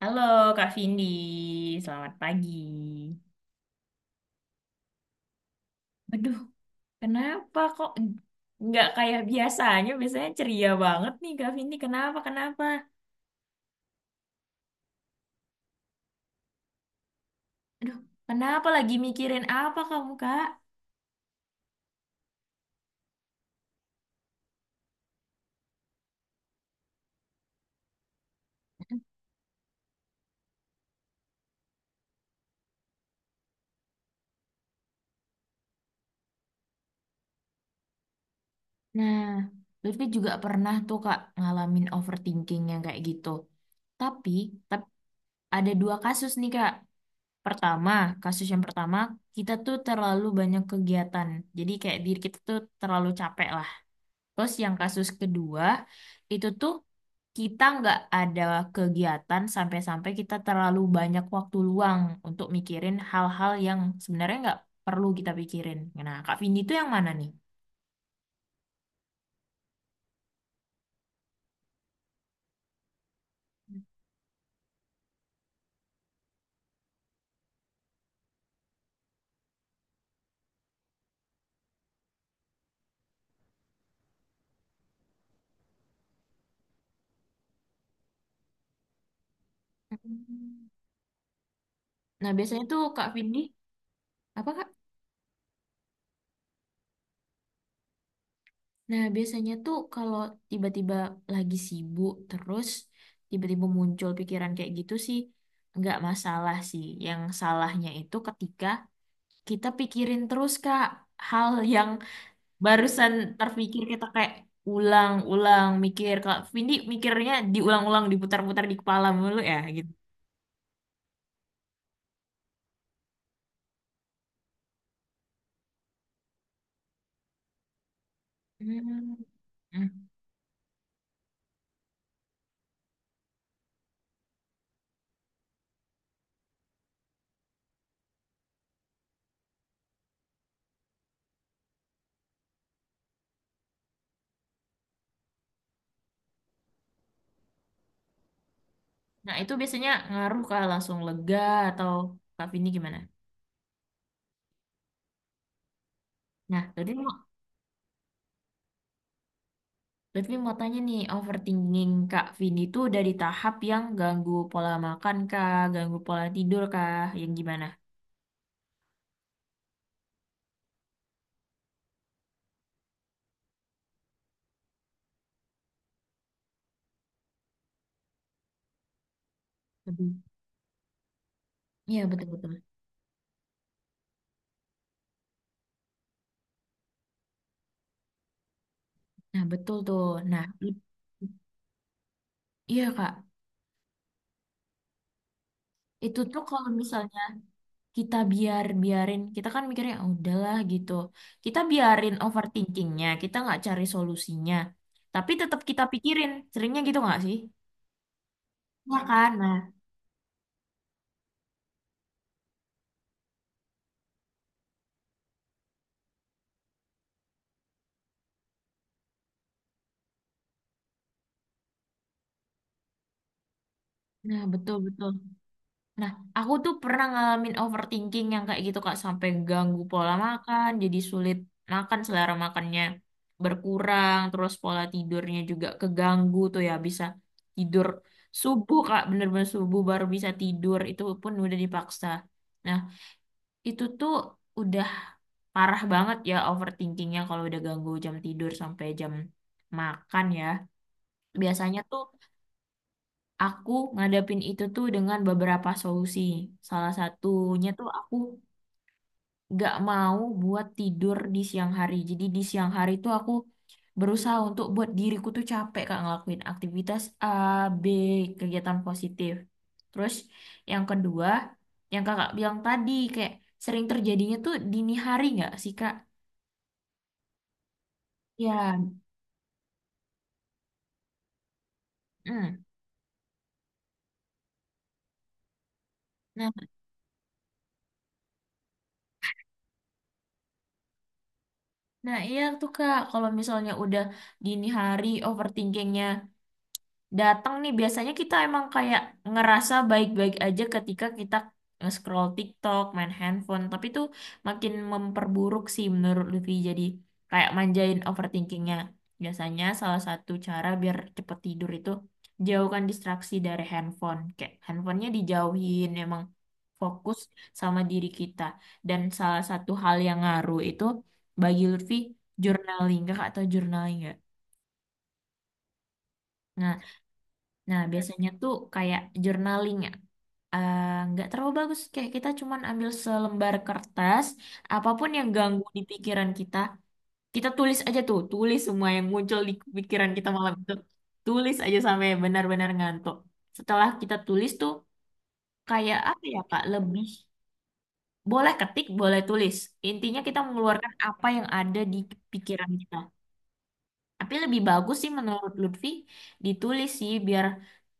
Halo Kak Vindi, selamat pagi. Aduh, kenapa kok nggak kayak biasanya? Biasanya ceria banget nih Kak Vindi. Kenapa, kenapa? Aduh, kenapa lagi mikirin apa kamu Kak? Nah, Lutfi juga pernah tuh Kak ngalamin overthinking yang kayak gitu. Tapi, tapi, ada dua kasus nih Kak. Pertama, kasus yang pertama, kita tuh terlalu banyak kegiatan. Jadi kayak diri kita tuh terlalu capek lah. Terus yang kasus kedua itu tuh kita nggak ada kegiatan sampai-sampai kita terlalu banyak waktu luang untuk mikirin hal-hal yang sebenarnya nggak perlu kita pikirin. Nah, Kak Vindi itu yang mana nih? Hmm. Nah, biasanya tuh Kak Vindi, apa Kak? Nah, biasanya tuh kalau tiba-tiba lagi sibuk terus tiba-tiba muncul pikiran kayak gitu sih nggak masalah sih. Yang salahnya itu ketika kita pikirin terus Kak hal yang barusan terpikir, kita kayak ulang-ulang mikir. Kalau Vindi mikirnya diulang-ulang diputar-putar di kepala mulu ya gitu. Hmm. Hmm. Nah itu biasanya ngaruh ke langsung lega atau Kak Vindi gimana? Nah, berarti mau tanya nih, overthinking Kak Vindi itu dari tahap yang ganggu pola makan kah, ganggu pola tidur kah, yang gimana? Lebih. Iya betul betul. Nah betul tuh. Nah, i- Iya Kak, itu tuh kalau misalnya kita biar biarin, kita kan mikirnya, "Ah, udahlah gitu, kita biarin overthinkingnya, kita nggak cari solusinya tapi tetap kita pikirin seringnya." Gitu nggak sih? Ya kan? Nah nah betul betul. Nah, aku tuh pernah ngalamin overthinking yang kayak gitu Kak, sampai ganggu pola makan jadi sulit makan, selera makannya berkurang. Terus pola tidurnya juga keganggu tuh, ya bisa tidur subuh Kak, bener-bener subuh baru bisa tidur, itu pun udah dipaksa. Nah itu tuh udah parah banget ya overthinkingnya, kalau udah ganggu jam tidur sampai jam makan ya. Biasanya tuh aku ngadepin itu tuh dengan beberapa solusi. Salah satunya tuh aku gak mau buat tidur di siang hari. Jadi di siang hari tuh aku berusaha untuk buat diriku tuh capek Kak, ngelakuin aktivitas A, B, kegiatan positif. Terus yang kedua, yang kakak bilang tadi kayak sering terjadinya tuh dini hari nggak sih Kak? Ya, mm. Nah, nah iya tuh Kak, kalau misalnya udah dini hari overthinkingnya datang nih, biasanya kita emang kayak ngerasa baik-baik aja ketika kita scroll TikTok, main handphone, tapi tuh makin memperburuk sih menurut Lutfi. Jadi kayak manjain overthinkingnya. Biasanya salah satu cara biar cepet tidur itu jauhkan distraksi dari handphone. Kayak handphonenya dijauhin, emang fokus sama diri kita. Dan salah satu hal yang ngaruh itu bagi Lutfi journaling. Kakak atau journaling nggak? Nah, biasanya tuh kayak journaling ya. Eh, nggak terlalu bagus, kayak kita cuman ambil selembar kertas, apapun yang ganggu di pikiran kita kita tulis aja tuh, tulis semua yang muncul di pikiran kita malam itu, tulis aja sampai benar-benar ngantuk. Setelah kita tulis tuh kayak apa ya Kak, lebih boleh ketik boleh tulis, intinya kita mengeluarkan apa yang ada di pikiran kita. Tapi lebih bagus sih menurut Lutfi ditulis sih, biar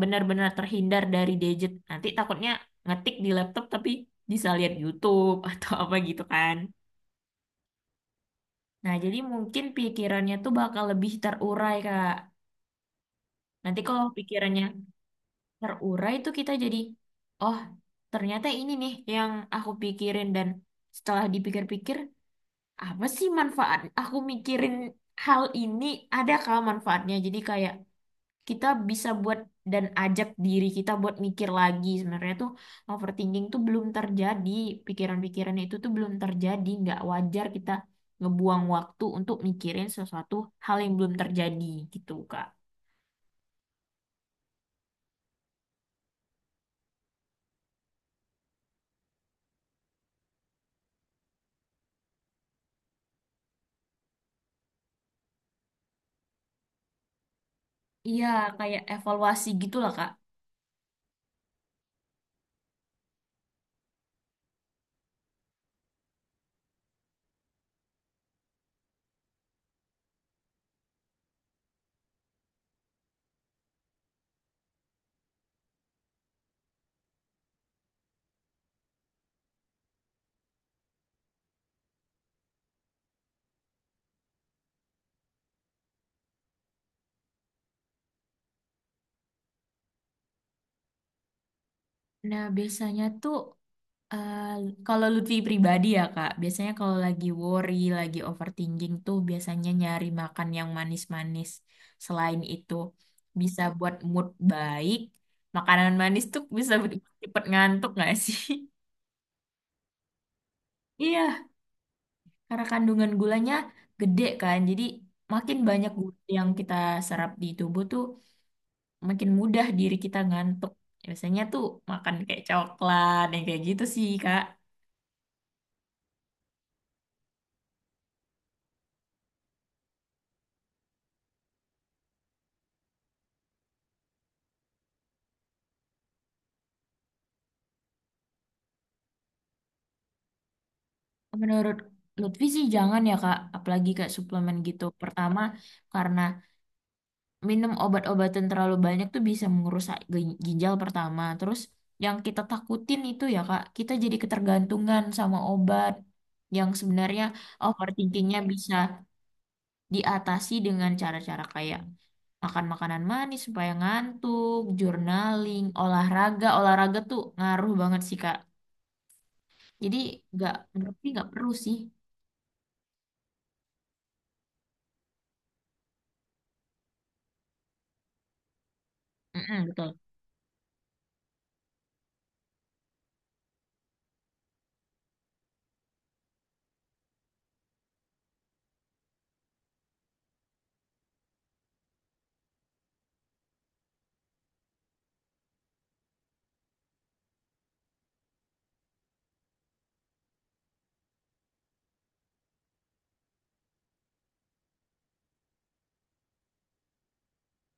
benar-benar terhindar dari gadget. Nanti takutnya ngetik di laptop tapi bisa lihat YouTube atau apa gitu kan. Nah, jadi mungkin pikirannya tuh bakal lebih terurai, Kak. Nanti kalau pikirannya terurai tuh kita jadi, oh ternyata ini nih yang aku pikirin, dan setelah dipikir-pikir, apa sih manfaat aku mikirin hal ini? Ada kah manfaatnya? Jadi kayak kita bisa buat dan ajak diri kita buat mikir lagi, sebenarnya tuh overthinking tuh belum terjadi, pikiran-pikiran itu tuh belum terjadi, nggak wajar kita ngebuang waktu untuk mikirin sesuatu hal yang belum terjadi gitu Kak. Iya, kayak evaluasi gitulah Kak. Nah biasanya tuh, eh, kalau Lutfi pribadi ya Kak, biasanya kalau lagi worry, lagi overthinking tuh biasanya nyari makan yang manis-manis. Selain itu bisa buat mood baik. Makanan manis tuh bisa bikin cepet ngantuk nggak sih? Iya, karena kandungan gulanya gede kan. Jadi makin banyak gula yang kita serap di tubuh tuh makin mudah diri kita ngantuk. Biasanya tuh makan kayak coklat yang kayak gitu sih Kak. Menurut Lutfi sih jangan ya Kak, apalagi kayak suplemen gitu. Pertama, karena minum obat-obatan terlalu banyak tuh bisa merusak ginjal, pertama. Terus yang kita takutin itu ya Kak, kita jadi ketergantungan sama obat, yang sebenarnya overthinkingnya bisa diatasi dengan cara-cara kayak makan makanan manis supaya ngantuk, journaling, olahraga. Olahraga tuh ngaruh banget sih Kak. Jadi nggak, menurut Lutfi nggak perlu sih. Mm-mm, betul.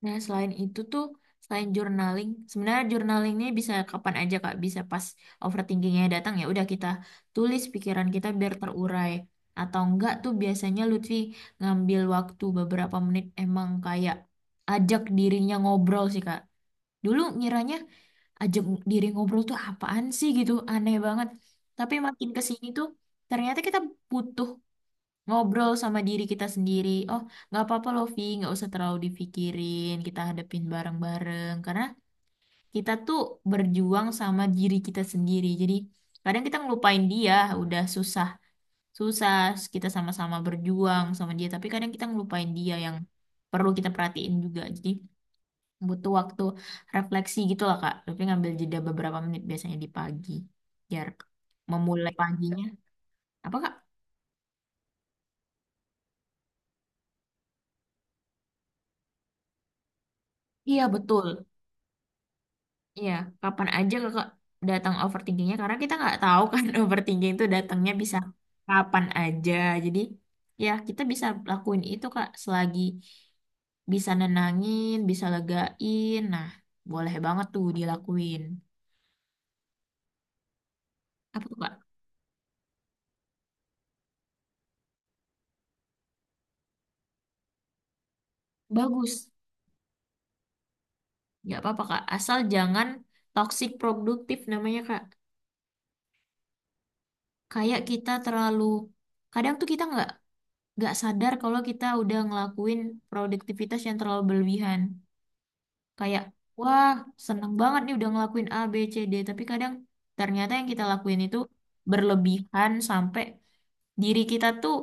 Nah, selain journaling, sebenarnya journaling ini bisa kapan aja Kak, bisa pas overthinkingnya datang, ya udah kita tulis pikiran kita biar terurai. Atau enggak tuh biasanya Lutfi ngambil waktu beberapa menit, emang kayak ajak dirinya ngobrol sih Kak. Dulu ngiranya ajak diri ngobrol tuh apaan sih gitu, aneh banget. Tapi makin ke sini tuh ternyata kita butuh ngobrol sama diri kita sendiri. Oh, nggak apa-apa loh, Vi, nggak usah terlalu dipikirin. Kita hadapin bareng-bareng, karena kita tuh berjuang sama diri kita sendiri. Jadi kadang kita ngelupain dia, udah susah, susah. Kita sama-sama berjuang sama dia, tapi kadang kita ngelupain dia yang perlu kita perhatiin juga. Jadi butuh waktu refleksi gitu lah, Kak. Tapi ngambil jeda beberapa menit biasanya di pagi, biar memulai paginya. Apa, Kak? Iya, betul. Iya, kapan aja kakak datang overthinkingnya, karena kita nggak tahu kan overthinking itu datangnya bisa kapan aja. Jadi ya kita bisa lakuin itu Kak selagi bisa nenangin, bisa legain. Nah, boleh banget tuh dilakuin. Apa tuh Kak? Bagus. Nggak apa-apa Kak, asal jangan toxic produktif namanya Kak. Kayak kita terlalu, kadang tuh kita nggak sadar kalau kita udah ngelakuin produktivitas yang terlalu berlebihan. Kayak, wah, seneng banget nih udah ngelakuin A, B, C, D. Tapi kadang ternyata yang kita lakuin itu berlebihan sampai diri kita tuh,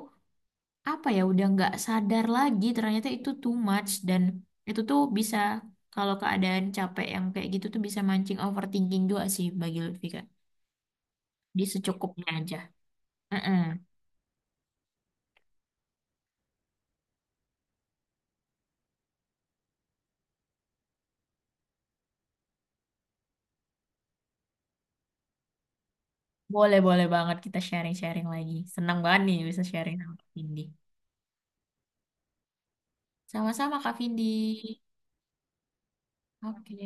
apa ya, udah nggak sadar lagi ternyata itu too much, dan itu tuh bisa, kalau keadaan capek yang kayak gitu tuh bisa mancing overthinking juga sih bagi Lutfi Kak. Di secukupnya aja. Mm-mm. Boleh, boleh banget kita sharing-sharing lagi. Senang banget nih bisa sharing sama Kak Vindi. Sama-sama Kak Vindi. Oke.